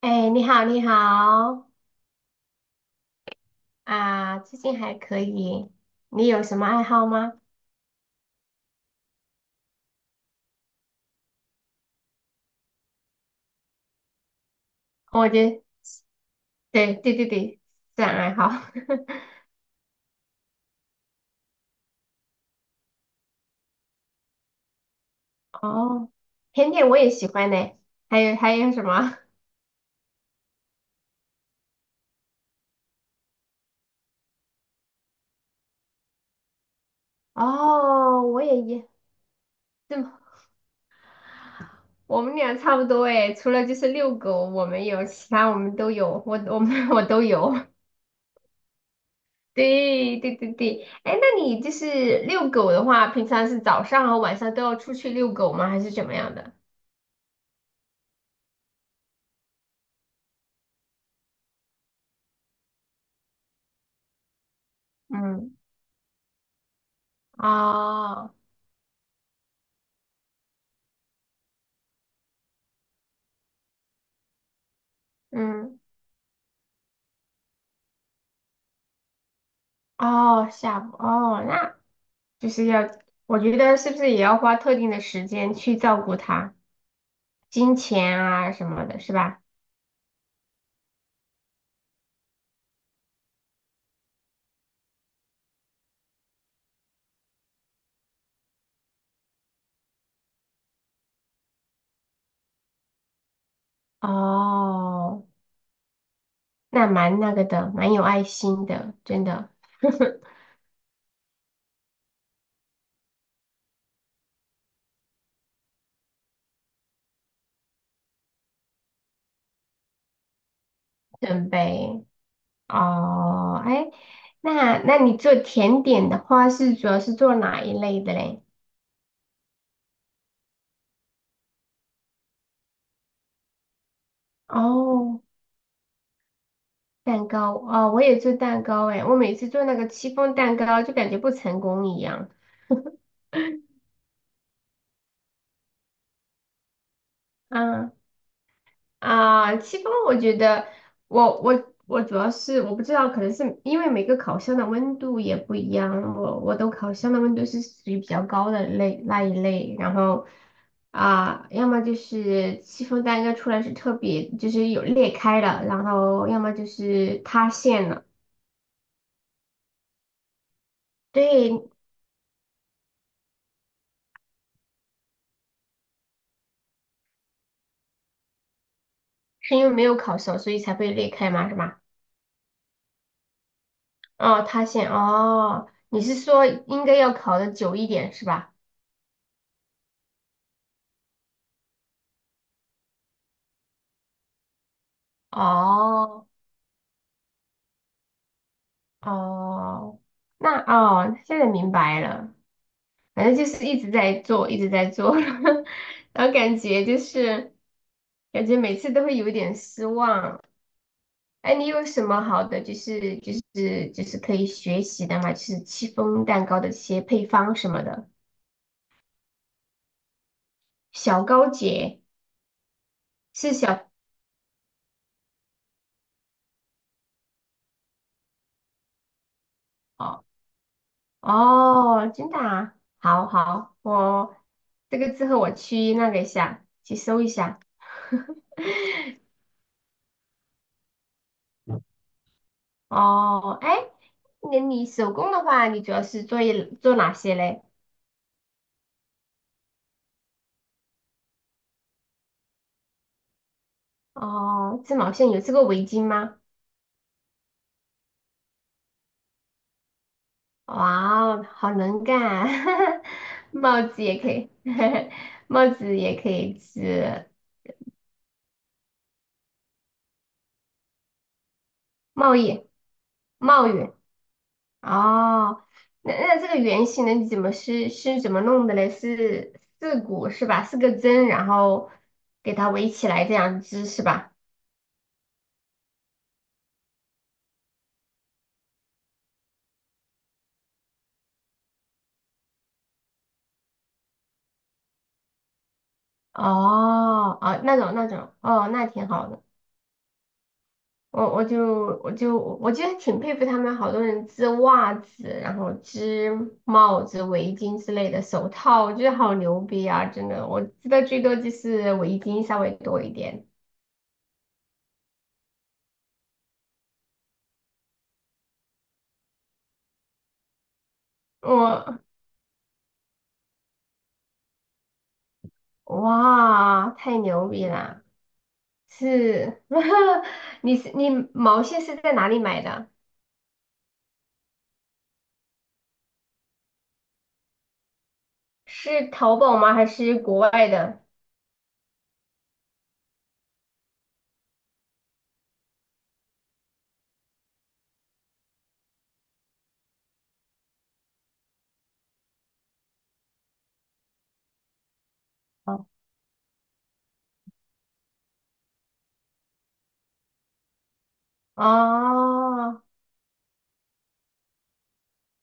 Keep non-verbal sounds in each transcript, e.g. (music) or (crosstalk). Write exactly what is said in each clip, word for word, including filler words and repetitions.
哎，你好，你好啊，最近还可以。你有什么爱好吗？哦，我觉得，对对对对，自然爱好。(laughs) 哦，甜点我也喜欢呢。还有还有什么？(laughs) 哦，我也也，这对我们俩差不多哎，除了就是遛狗我没有，其他我们都有，我我们 (laughs) 我都有。(laughs) 对对对对，哎，那你就是遛狗的话，平常是早上和晚上都要出去遛狗吗？还是怎么样的？嗯，哦。嗯，哦，下午，哦，那就是要，我觉得是不是也要花特定的时间去照顾他，金钱啊什么的，是吧？哦，那蛮那个的，蛮有爱心的，真的。(laughs) 准备，哦，哎，那那你做甜点的话，是主要是做哪一类的嘞？哦，蛋糕，哦，我也做蛋糕，哎，我每次做那个戚风蛋糕，就感觉不成功一样。(laughs) 啊。啊，戚风，我觉得我我我主要是我不知道，可能是因为每个烤箱的温度也不一样，我我都烤箱的温度是属于比较高的类那一类，然后啊，要么就是戚风蛋糕出来是特别就是有裂开了，然后要么就是塌陷了，对，是因为没有烤熟，所以才会裂开嘛，是吧？哦，塌陷，哦，你是说应该要烤的久一点是吧？哦。哦，那哦，现在明白了，反正就是一直在做，一直在做，(laughs) 然后感觉就是感觉每次都会有一点失望。哎，你有什么好的就是就是就是可以学习的嘛？就是戚风蛋糕的一些配方什么的，小高姐是小哦哦，真的啊，好好，我这个之后我去那个一下，去搜一下。(laughs) 哦，哎，那你手工的话，你主要是做一做哪些嘞？哦，织毛线有织过围巾吗？哇哦，好能干啊 (laughs) 帽子也可以，(laughs) 帽子也可以织，帽叶、帽叶。哦，那那这个圆形的你怎么是是怎么弄的嘞？是四股是吧？四个针，然后给它围起来这样织是吧？哦，哦，那种那种，哦，那挺好的。我我就我就我觉得挺佩服他们，好多人织袜子，然后织帽子、围巾之类的，手套，我觉得好牛逼啊！真的，我织的最多就是围巾稍微多一点。我哇，太牛逼了！是，(laughs) 你是你毛线是在哪里买的？是淘宝吗？还是国外的？哦哦，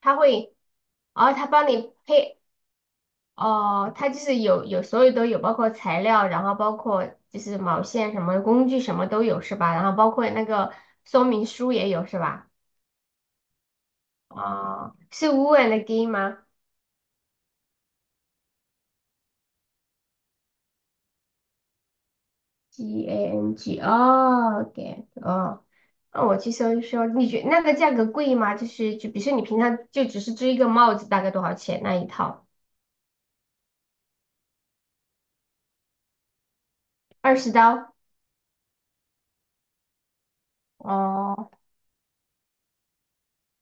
他会，哦，他帮你配。哦，它就是有有所有都有，包括材料，然后包括就是毛线什么工具什么都有是吧？然后包括那个说明书也有是吧？哦，是 w o o and Gang 吗？G A N G 哦，Gang 哦，那我去搜一搜，你觉那个价格贵吗？就是就比如说你平常就只是织一个帽子，大概多少钱那一套？二十刀？哦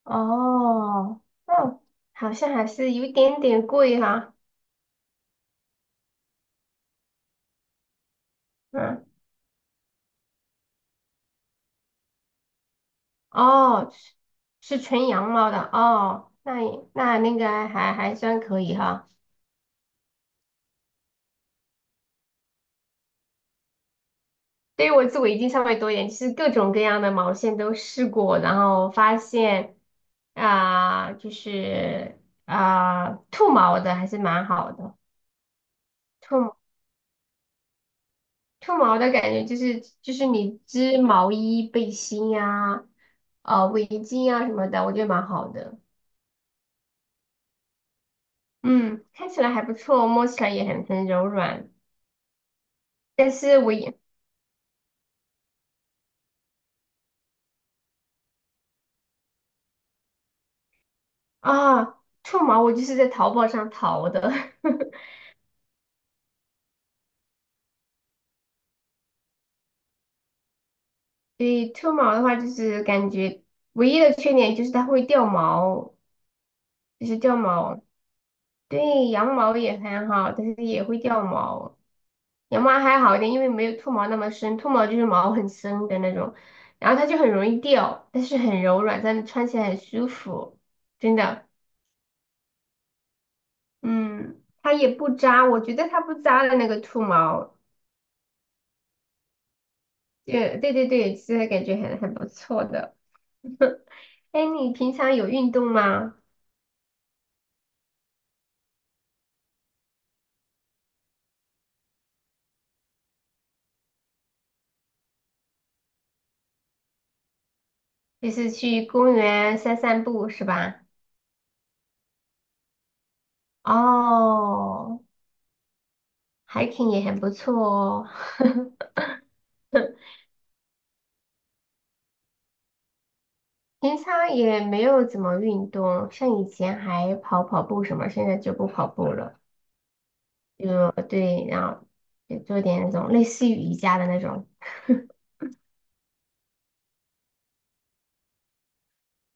哦，哦，好像还是有一点点贵哈、嗯。哦，是是纯羊毛的哦，那也那那个还还算可以哈。对于我织围巾上稍微多一点，其实各种各样的毛线都试过，然后发现啊、就是啊、兔毛的还是蛮好的，兔兔毛的感觉就是就是你织毛衣、背心呀、啊、围巾呀什么的，我觉得蛮好的。嗯，看起来还不错，摸起来也很很柔软，但是我也。啊，兔毛我就是在淘宝上淘的，(laughs) 所以兔毛的话就是感觉唯一的缺点就是它会掉毛，就是掉毛。对，羊毛也很好，但是也会掉毛。羊毛还好一点，因为没有兔毛那么深，兔毛就是毛很深的那种，然后它就很容易掉，但是很柔软，但是穿起来很舒服，真的。嗯，它也不扎，我觉得它不扎的那个兔毛，对对对对，其实感觉很很不错的。哎，你平常有运动吗？就是去公园散散步是吧？哦，hiking 也很不错哦。(laughs) 平常也没有怎么运动，像以前还跑跑步什么，现在就不跑步了。就对，然后也做点那种类似于瑜伽的那种。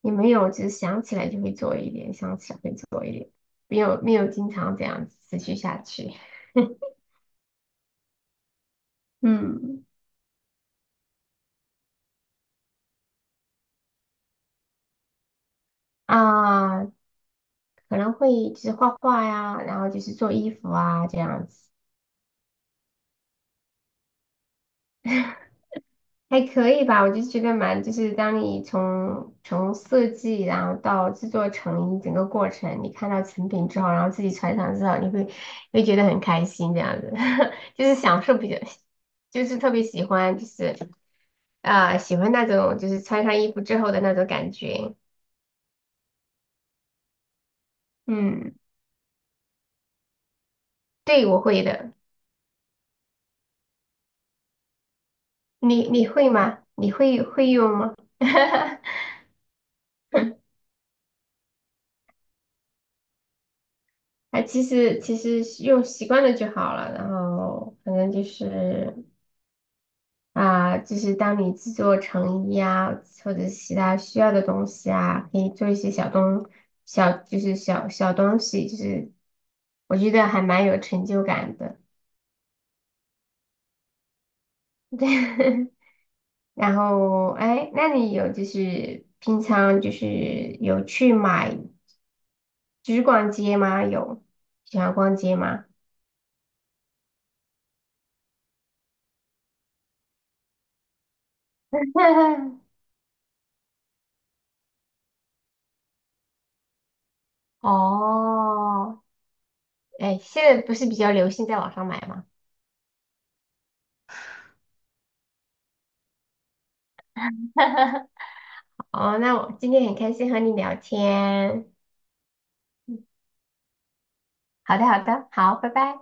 也没有，就是想起来就会做一点，想起来会做一点，没有没有经常这样子持续下去。(laughs) 嗯啊，可能会就是画画呀，然后就是做衣服啊这样子，还可以吧。我就觉得蛮，就是当你从从设计，然后到制作成衣整个过程，你看到成品之后，然后自己穿上之后，你会会觉得很开心这样子，(laughs) 就是享受比较，就是特别喜欢，就是啊、呃喜欢那种就是穿上衣服之后的那种感觉。嗯，对，我会的。你你会吗？你会会用吗？(laughs) 哎，其实其实用习惯了就好了。然后反正就是啊、就是当你制作成衣啊，或者是其他需要的东西啊，可以做一些小东小，就是小小东西，就是我觉得还蛮有成就感的。(laughs) 对，然后哎，那你有就是平常就是有去买，就是逛街吗？有喜欢逛街吗？(laughs) 哦，哎，现在不是比较流行在网上买吗？哦，那我今天很开心和你聊天。嗯，好的，好的，好，拜拜。